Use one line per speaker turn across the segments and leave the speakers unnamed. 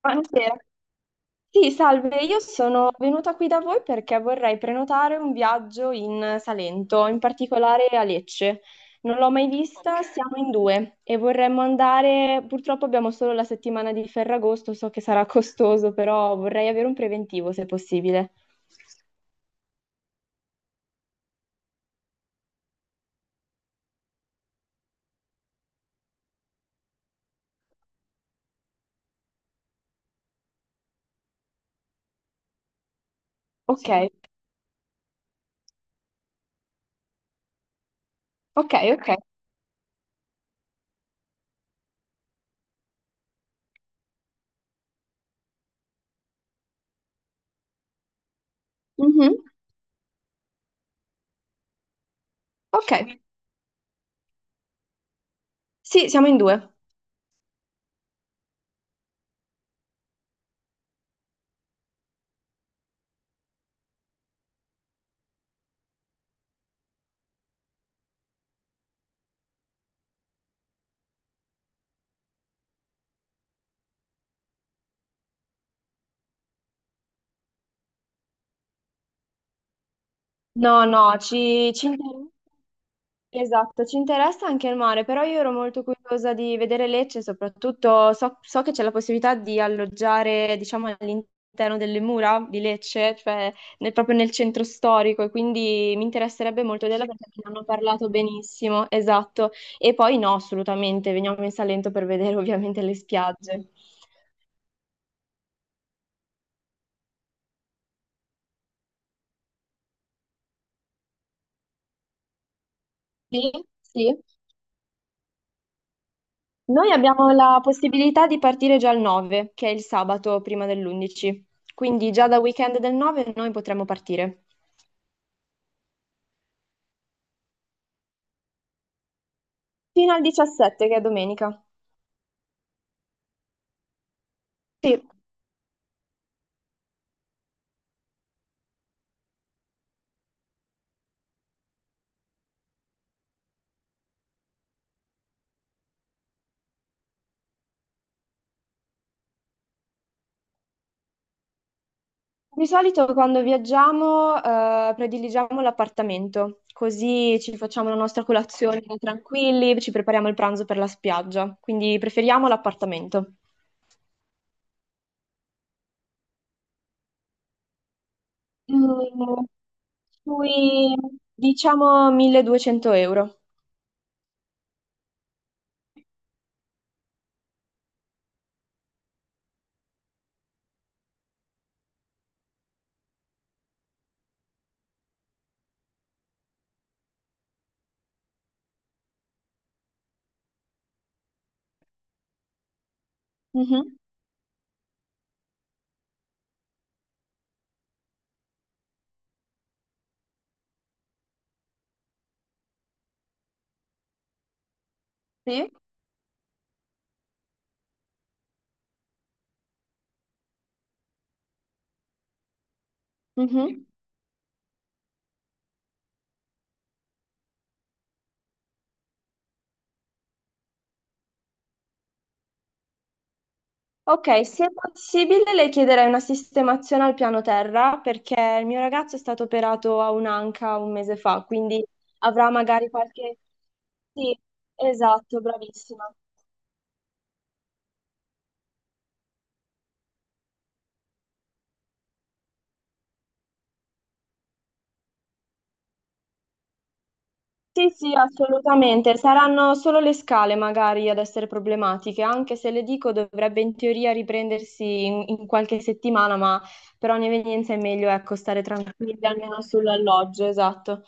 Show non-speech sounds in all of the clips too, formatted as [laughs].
Buonasera. Sì, salve, io sono venuta qui da voi perché vorrei prenotare un viaggio in Salento, in particolare a Lecce. Non l'ho mai vista, siamo in due e vorremmo andare, purtroppo abbiamo solo la settimana di Ferragosto, so che sarà costoso, però vorrei avere un preventivo se possibile. Ok, ok, ok. Mhm, Ok, sì, siamo in due. No, no, ci interessa, esatto, ci interessa anche il mare, però io ero molto curiosa di vedere Lecce, soprattutto so che c'è la possibilità di alloggiare, diciamo, all'interno delle mura di Lecce, cioè proprio nel centro storico, e quindi mi interesserebbe molto vederla perché ne hanno parlato benissimo, esatto. E poi no, assolutamente, veniamo in Salento per vedere ovviamente le spiagge. Sì, sì. Noi abbiamo la possibilità di partire già il 9, che è il sabato prima dell'11, quindi già da weekend del 9 noi potremmo partire fino al 17, che è domenica. Sì, di solito quando viaggiamo prediligiamo l'appartamento, così ci facciamo la nostra colazione tranquilli, ci prepariamo il pranzo per la spiaggia, quindi preferiamo l'appartamento. Mm, Sui, diciamo, 1.200 euro. Mhm. Sì. Mhm. Ok, se è possibile le chiederei una sistemazione al piano terra perché il mio ragazzo è stato operato a un'anca un mese fa, quindi avrà magari qualche. Sì, esatto, bravissima. Sì, sì, assolutamente. Saranno solo le scale magari ad essere problematiche, anche se le dico dovrebbe in teoria riprendersi in qualche settimana, ma per ogni evenienza è meglio, ecco, stare tranquilli almeno sull'alloggio, esatto.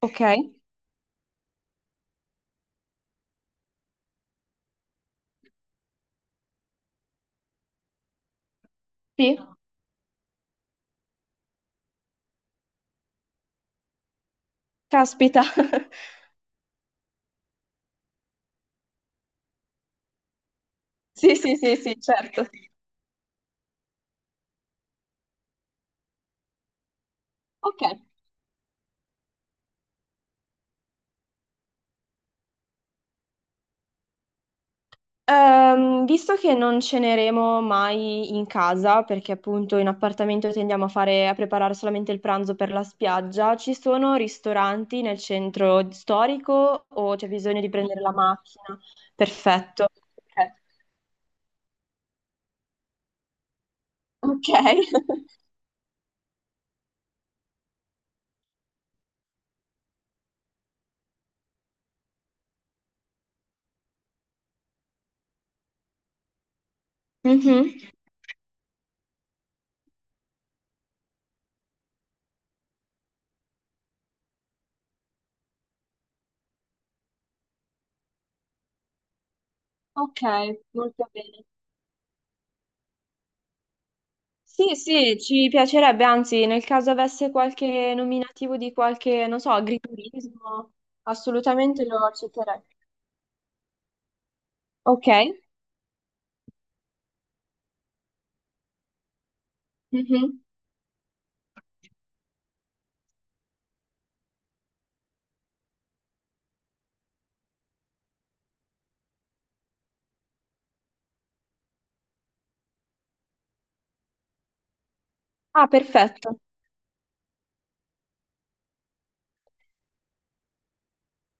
Ok, sì, caspita. [laughs] Sì, sì, sì, sì, certo. Ok. Visto che non ceneremo mai in casa, perché appunto in appartamento tendiamo a fare, a preparare solamente il pranzo per la spiaggia, ci sono ristoranti nel centro storico o c'è bisogno di prendere la macchina? Perfetto. Ok. Ok. [laughs] Mhm. Ok, molto bene. Sì, sì, ci piacerebbe, anzi, nel caso avesse qualche nominativo di qualche, non so, agriturismo, assolutamente lo accetterei. Ok. Mhm. Ah, perfetto.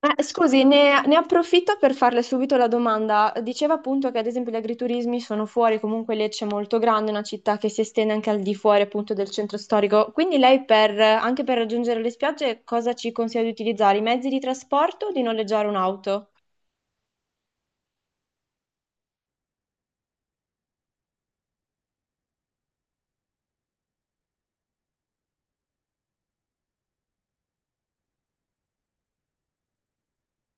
Scusi, ne approfitto per farle subito la domanda. Diceva appunto che ad esempio gli agriturismi sono fuori, comunque Lecce è molto grande, è una città che si estende anche al di fuori appunto del centro storico. Quindi lei per, anche per raggiungere le spiagge cosa ci consiglia di utilizzare? I mezzi di trasporto o di noleggiare un'auto?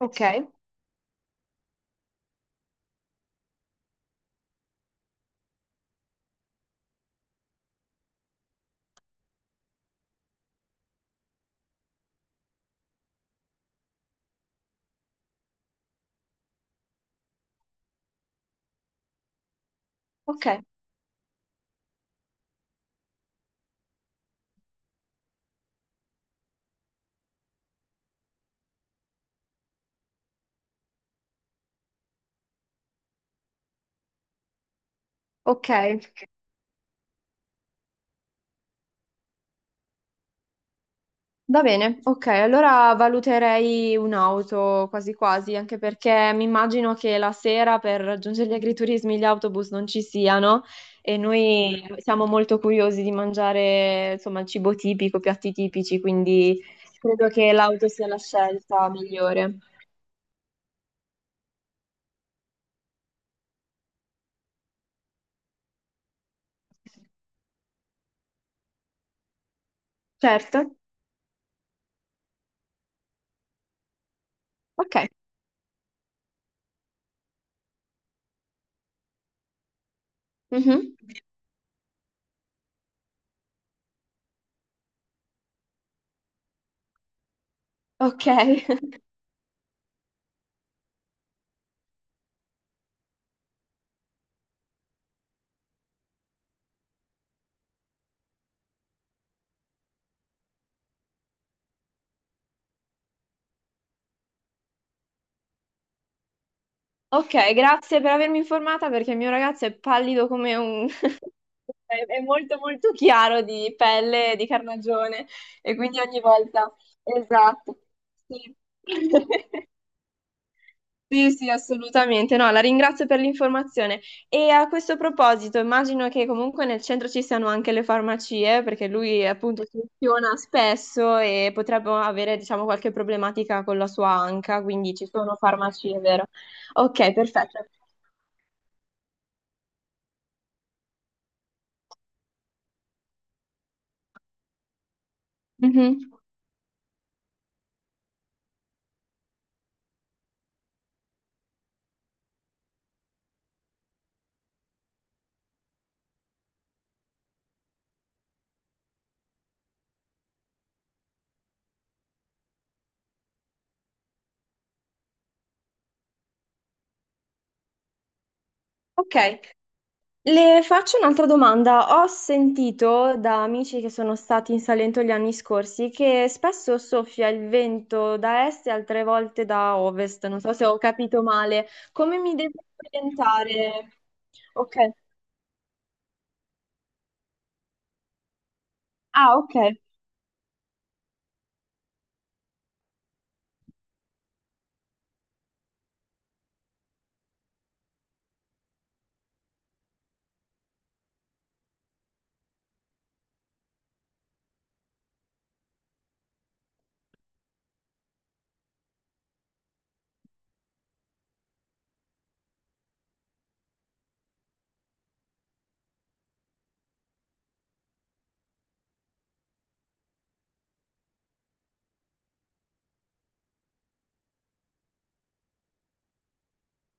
Ok, ok. Ok, va bene, ok, allora valuterei un'auto quasi quasi, anche perché mi immagino che la sera per raggiungere gli agriturismi gli autobus non ci siano e noi siamo molto curiosi di mangiare, insomma, il cibo tipico, piatti tipici, quindi credo che l'auto sia la scelta migliore. Certo, ok. Mhm. Ok, ok, grazie per avermi informata perché il mio ragazzo è pallido come un. [laughs] È molto molto chiaro di pelle, di carnagione e quindi ogni volta. Esatto. Sì. [laughs] Sì, sì, assolutamente. No, la ringrazio per l'informazione. E a questo proposito, immagino che comunque nel centro ci siano anche le farmacie, perché lui appunto funziona spesso e potrebbe avere, diciamo, qualche problematica con la sua anca, quindi ci sono farmacie, vero? Ok, perfetto. Mhm. Ok, le faccio un'altra domanda. Ho sentito da amici che sono stati in Salento gli anni scorsi che spesso soffia il vento da est e altre volte da ovest. Non so se ho capito male. Come mi devo orientare? Ok. Ah, ok.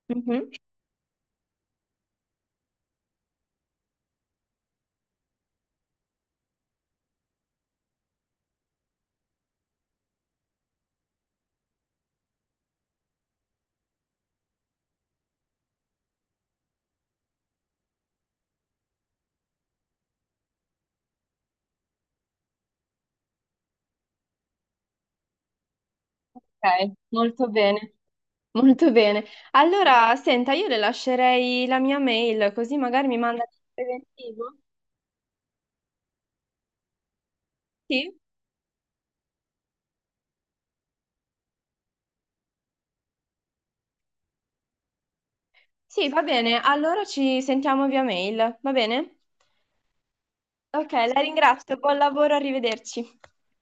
Mhm. Ok, molto bene. Molto bene. Allora, senta, io le lascerei la mia mail così magari mi manda il preventivo. Sì? Sì, va bene, allora ci sentiamo via mail, va bene? Ok, la ringrazio, buon lavoro, arrivederci.